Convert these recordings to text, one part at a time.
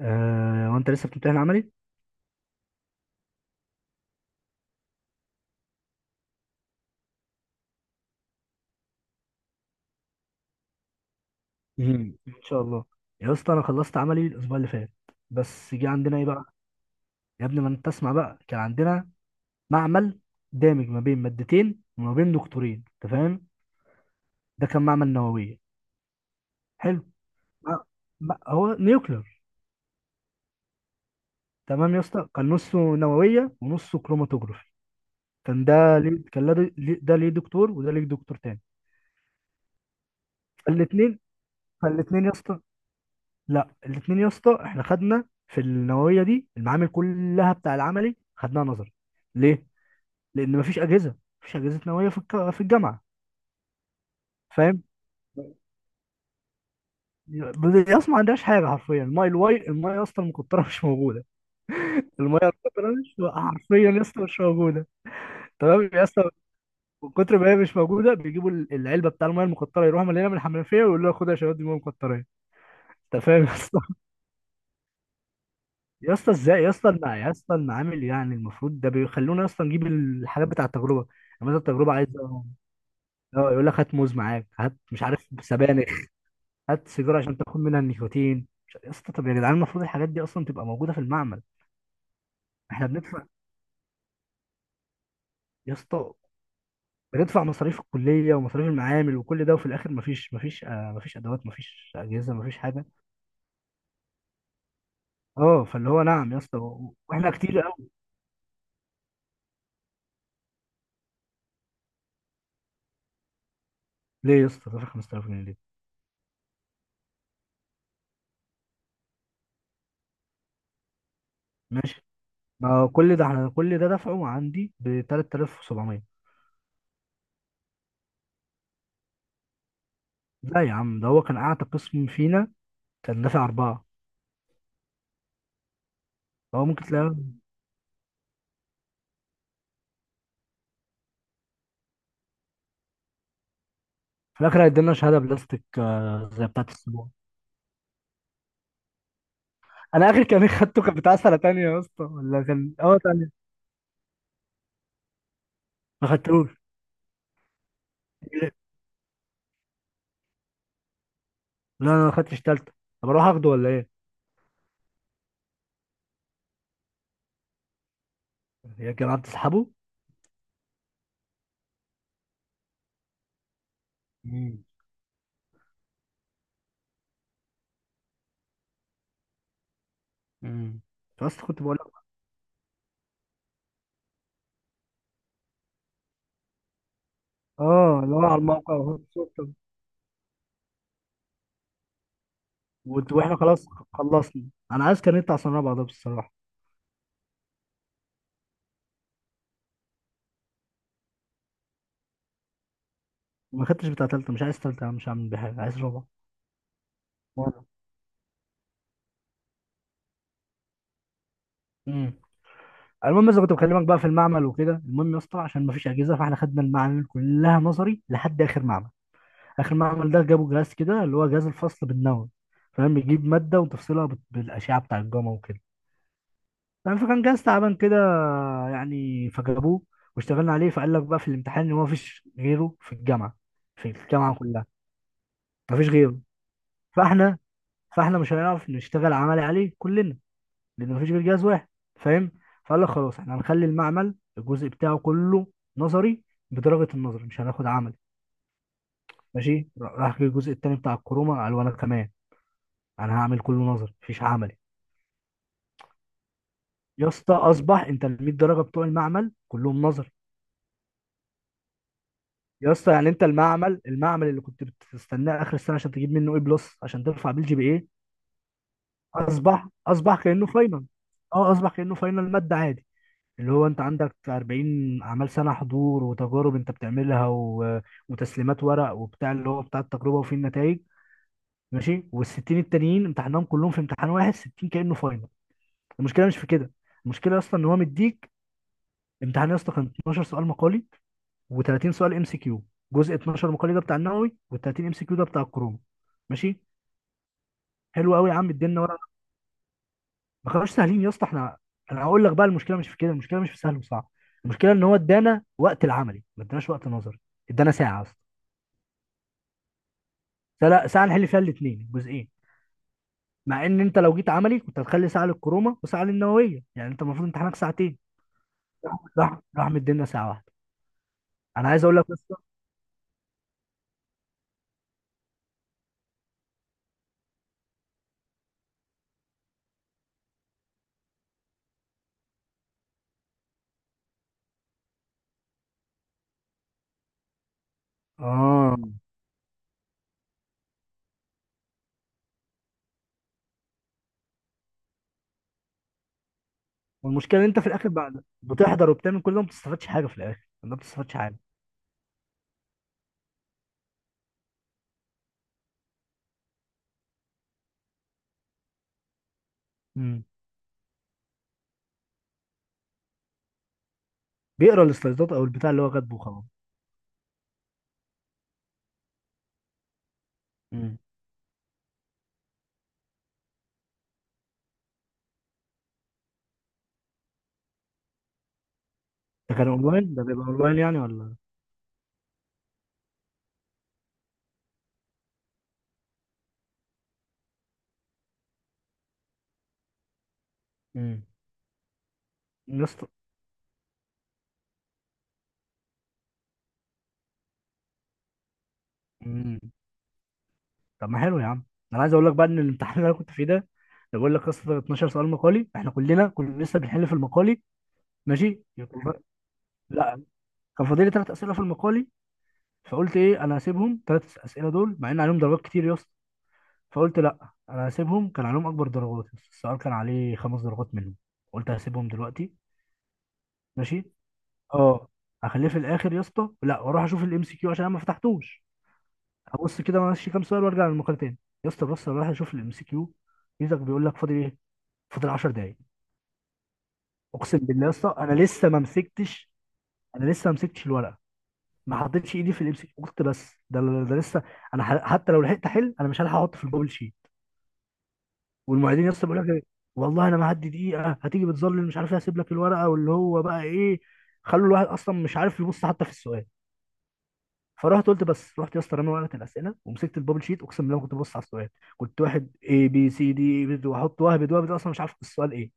آه، وانت لسه بتمتحن عملي. مم. ان شاء الله. يا اسطى انا خلصت عملي الاسبوع اللي فات، بس جه عندنا ايه بقى. يا ابني ما انت تسمع بقى، كان عندنا معمل دامج ما بين مادتين وما بين دكتورين انت فاهم. ده كان معمل نوويه. حلو. ما- هو نيوكلير. تمام يا اسطى، كان نصه نوويه ونصه كروماتوجرافي. كان ده ليه، كان ده ليه، ده ليه دكتور وده ليه دكتور تاني. فالاثنين فالاثنين يا اسطى، لا الاثنين يا اسطى احنا خدنا في النوويه دي المعامل كلها بتاع العملي خدناها نظري. ليه؟ لان مفيش اجهزه. مفيش اجهزه نوويه في في الجامعه. فاهم؟ يا اسطى ما عندهاش حاجه حرفيا، الماء الواي، المايه يا اسطى المقطره مش موجوده. المايه المقطره مش حرفيا يا اسطى مش موجوده. تمام يا اسطى. من كتر ما هي مش موجوده بيجيبوا العلبه بتاع المايه المقطره، يروحوا مليانه من الحنفيه ويقولوا لها خد يا شباب دي ميه مقطره. انت فاهم يا اسطى، ازاي يا اسطى يا اسطى المعامل، يعني المفروض ده بيخلونا اصلا نجيب الحاجات بتاع التجربه. يعني مثلا التجربه عايزه اه يقول لك هات موز معاك، هات مش عارف سبانخ، هات سيجاره عشان تاخد منها النيكوتين، مش عارف- يا اسطى طب يا جدعان المفروض الحاجات دي اصلا تبقى موجوده في المعمل. احنا بندفع يا اسطى، بندفع مصاريف الكليه ومصاريف المعامل وكل ده، وفي الاخر مفيش، مفيش ادوات، مفيش اجهزه، مفيش حاجه. اه فاللي هو نعم يا اسطى، واحنا كتير قوي. ليه يا اسطى دافع 5000 جنيه ليه؟ ماشي. ما كل ده احنا كل ده دفعه عندي ب 3700. لا يا عم، ده هو كان اعتى قسم فينا. كان دافع اربعه. هو ممكن تلاقيه في الاخر هيدينا شهاده بلاستيك، زي بتاعت السبوع. انا اخر كان خدته كان بتاع سنه تانية يا اسطى، ولا كان اه تانية. ما خدتوش. لا انا ما خدتش تالتة. طب اروح اخده ولا ايه؟ هي كان قعدت تسحبه. امم امم بس كنت بقول لك. اه اللي هو على الموقع وهو الصوت. واحنا خلاص، خلصنا. انا عايز كان يطلع سنه رابعه ده بصراحه. ما خدتش بتاع تالتة، مش عايز تالتة يا عم، مش هعمل بيها حاجة، عايز رابعة. وانا. امم المهم بس كنت بكلمك بقى في المعمل وكده. المهم يا اسطى عشان ما فيش اجهزه، فاحنا خدنا المعامل كلها نظري لحد اخر معمل. اخر معمل ده جابوا جهاز كده اللي هو جهاز الفصل بالنووي. فاهم، بيجيب ماده وتفصلها بالاشعه بتاع الجاما وكده. فاهم، فكان جهاز تعبان كده، يعني فجابوه واشتغلنا عليه. فقال لك بقى في الامتحان ان هو ما فيش غيره في الجامعه، في الجامعه كلها. ما فيش غيره. فاحنا فاحنا مش هنعرف نشتغل عملي عليه كلنا، لان مفيش غير جهاز واحد. فاهم. فقال لك خلاص احنا هنخلي المعمل الجزء بتاعه كله نظري، بدرجه النظر، مش هناخد عمل. ماشي. راح جه الجزء التاني بتاع الكروما قال وانا كمان انا هعمل كله نظري، مفيش عملي. يا اسطى اصبح انت ال 100 درجه بتوع المعمل كلهم نظري. يا اسطى يعني انت المعمل، المعمل اللي كنت بتستناه اخر السنه عشان تجيب منه اي بلس عشان ترفع بيه الجي بي اي، اصبح كانه فاينل. اه اصبح كانه فاينل ماده عادي. اللي هو انت عندك 40 اعمال سنه حضور وتجارب انت بتعملها و... وتسليمات ورق وبتاع اللي هو بتاع التجربه وفيه النتائج. ماشي، وال60 التانيين امتحانهم كلهم في امتحان واحد، 60 كانه فاينل. المشكله مش في كده، المشكله اصلا ان هو مديك امتحان. يا اسطى كان 12 سؤال مقالي و30 سؤال ام سي كيو. جزء 12 مقالي ده بتاع النووي، وال30 ام سي كيو ده بتاع الكورونا. ماشي. حلو قوي يا عم ادينا. ما كانوش سهلين يا اسطى احنا. انا هقول لك بقى، المشكله مش في كده، المشكله مش في سهل وصعب. المشكله ان هو ادانا وقت العملي ما اداناش وقت نظري. ادانا ساعه اصلا. ساعه، ساعة نحل فيها الاثنين جزئين. مع ان انت لو جيت عملي كنت هتخلي ساعه للكرومه وساعه للنوويه، يعني انت المفروض امتحانك ساعتين. راح راح مدينا ساعه واحده. انا عايز اقول لك بس اه، والمشكله ان انت في الاخر بعد بتحضر وبتعمل كل ده ما بتستفادش حاجه، في الاخر ما بتستفادش حاجه. امم بيقرا السلايدات او البتاع اللي هو كاتبه وخلاص. امم ده كان اونلاين، ده بيبقى اونلاين يعني ولا. امم مم. طب ما حلو يا عم. انا عايز اقول لك بقى ان الامتحان اللي انا كنت فيه ده اللي بقول لك، اصلا 12 سؤال مقالي، احنا كلنا كنا لسه بنحل في المقالي. ماشي لا كان فاضل لي ثلاث اسئله في المقالي. فقلت ايه، انا هسيبهم ثلاث اسئله دول مع ان عليهم درجات كتير يا اسطى. فقلت لا انا هسيبهم، كان عليهم اكبر درجات، السؤال كان عليه خمس درجات منهم. قلت هسيبهم دلوقتي، ماشي اه. هخليه في الاخر يا اسطى، لا واروح اشوف الام سي كيو عشان انا ما فتحتوش. هبص كده ماشي كام سؤال وارجع للمقالة تاني. يا اسطى بص انا رايح اشوف الام سي كيو. يزك بيقول لك فاضل ايه، فاضل 10 دقايق. اقسم بالله يا اسطى انا لسه ما مسكتش، انا لسه ما مسكتش الورقه. ما حطيتش ايدي في الام سي كيو، قلت بس ده لسه. انا حتى لو لحقت احل انا مش هلحق احط في الجوجل شيت. والمعيدين يا اسطى بيقول لك إيه؟ والله انا ما هدي دقيقه هتيجي بتظلل مش عارف ايه، هسيب لك الورقه واللي هو بقى ايه. خلوا الواحد اصلا مش عارف يبص حتى في السؤال. فرحت قلت بس، رحت يا اسطى رامي ورقه الاسئله ومسكت البابل شيت، اقسم بالله ما كنت ببص على السؤال. كنت واحد اي بي سي دي واحط وهبد وهبد اصلا مش عارف السؤال ايه.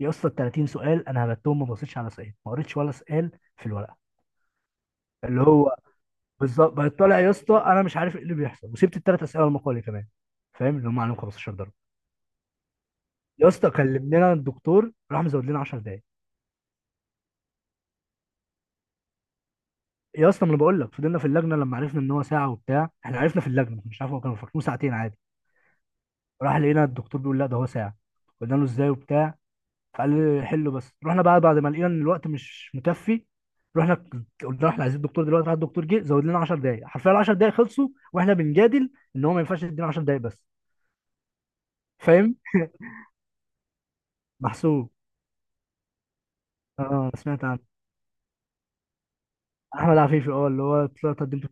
يا اسطى ال 30 سؤال انا هبتهم ما بصيتش على سؤال، ما قريتش ولا سؤال في الورقه. اللي هو بالظبط، بقيت طالع يا اسطى انا مش عارف ايه اللي بيحصل، وسبت الثلاث اسئله المقالي كمان فاهم، اللي هم عليهم 15 درجه. يا اسطى كلمنا الدكتور راح مزود لنا 10 دقائق. يا اسطى ما انا بقول لك، فضلنا في اللجنه لما عرفنا ان هو ساعه وبتاع، احنا عرفنا في اللجنه مش عارف، هو كانوا فاكرين ساعتين عادي. راح لقينا الدكتور بيقول لا ده هو ساعه. قلنا له ازاي وبتاع، فقال لي حله. بس رحنا بقى بعد ما لقينا ان الوقت مش مكفي، رحنا قلنا احنا عايزين الدكتور دلوقتي. راح الدكتور جه زود لنا 10 دقايق حرفيا، ال 10 دقايق خلصوا واحنا بنجادل ان هو ما ينفعش يدينا 10 دقايق بس. فاهم. محسوب، اه سمعت عنه. احمد عفيفي، اه اللي هو طلع قدمت.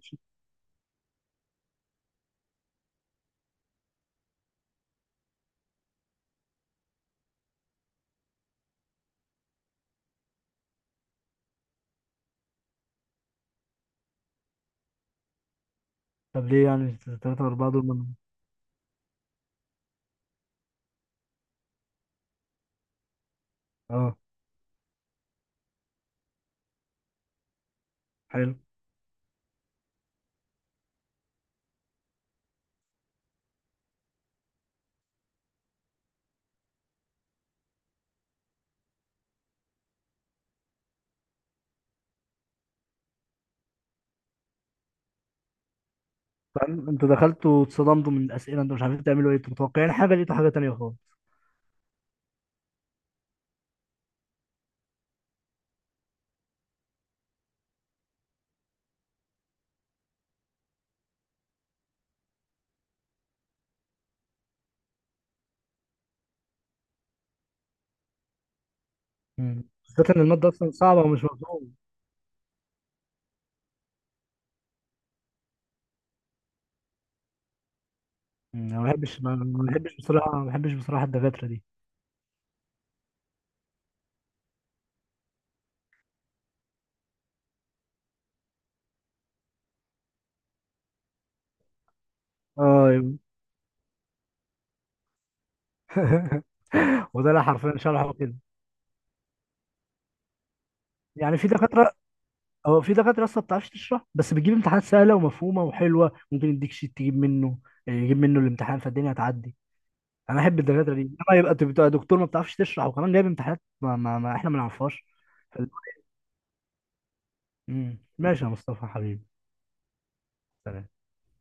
طب ليه يعني ثلاثة أربعة دول من... اه، حلو. فاهم، انتوا دخلتوا اتصدمتوا من الأسئلة، انتوا مش عارفين تعملوا ايه، انتوا متوقعين حاجة لقيتوا حاجة تانية خالص. مم. بالذات ان المادة اصلا صعبة ومش مفهومة. مم. انا ما بحبش، ما بحبش بصراحة، ما بحبش بصراحة الدكاترة دي. اه وده اللي حرفيا شرحه كده. يعني في دكاتره، هو في دكاتره اصلا ما بتعرفش تشرح بس بتجيب امتحانات سهله ومفهومه وحلوه، ممكن يديك شيت تجيب منه يجيب منه الامتحان فالدنيا هتعدي. انا احب الدكاتره دي، انما يبقى تبقى دكتور ما بتعرفش تشرح وكمان جايب امتحانات ما احنا ما نعرفهاش. فال- مم. ماشي يا مصطفى حبيبي. سلام.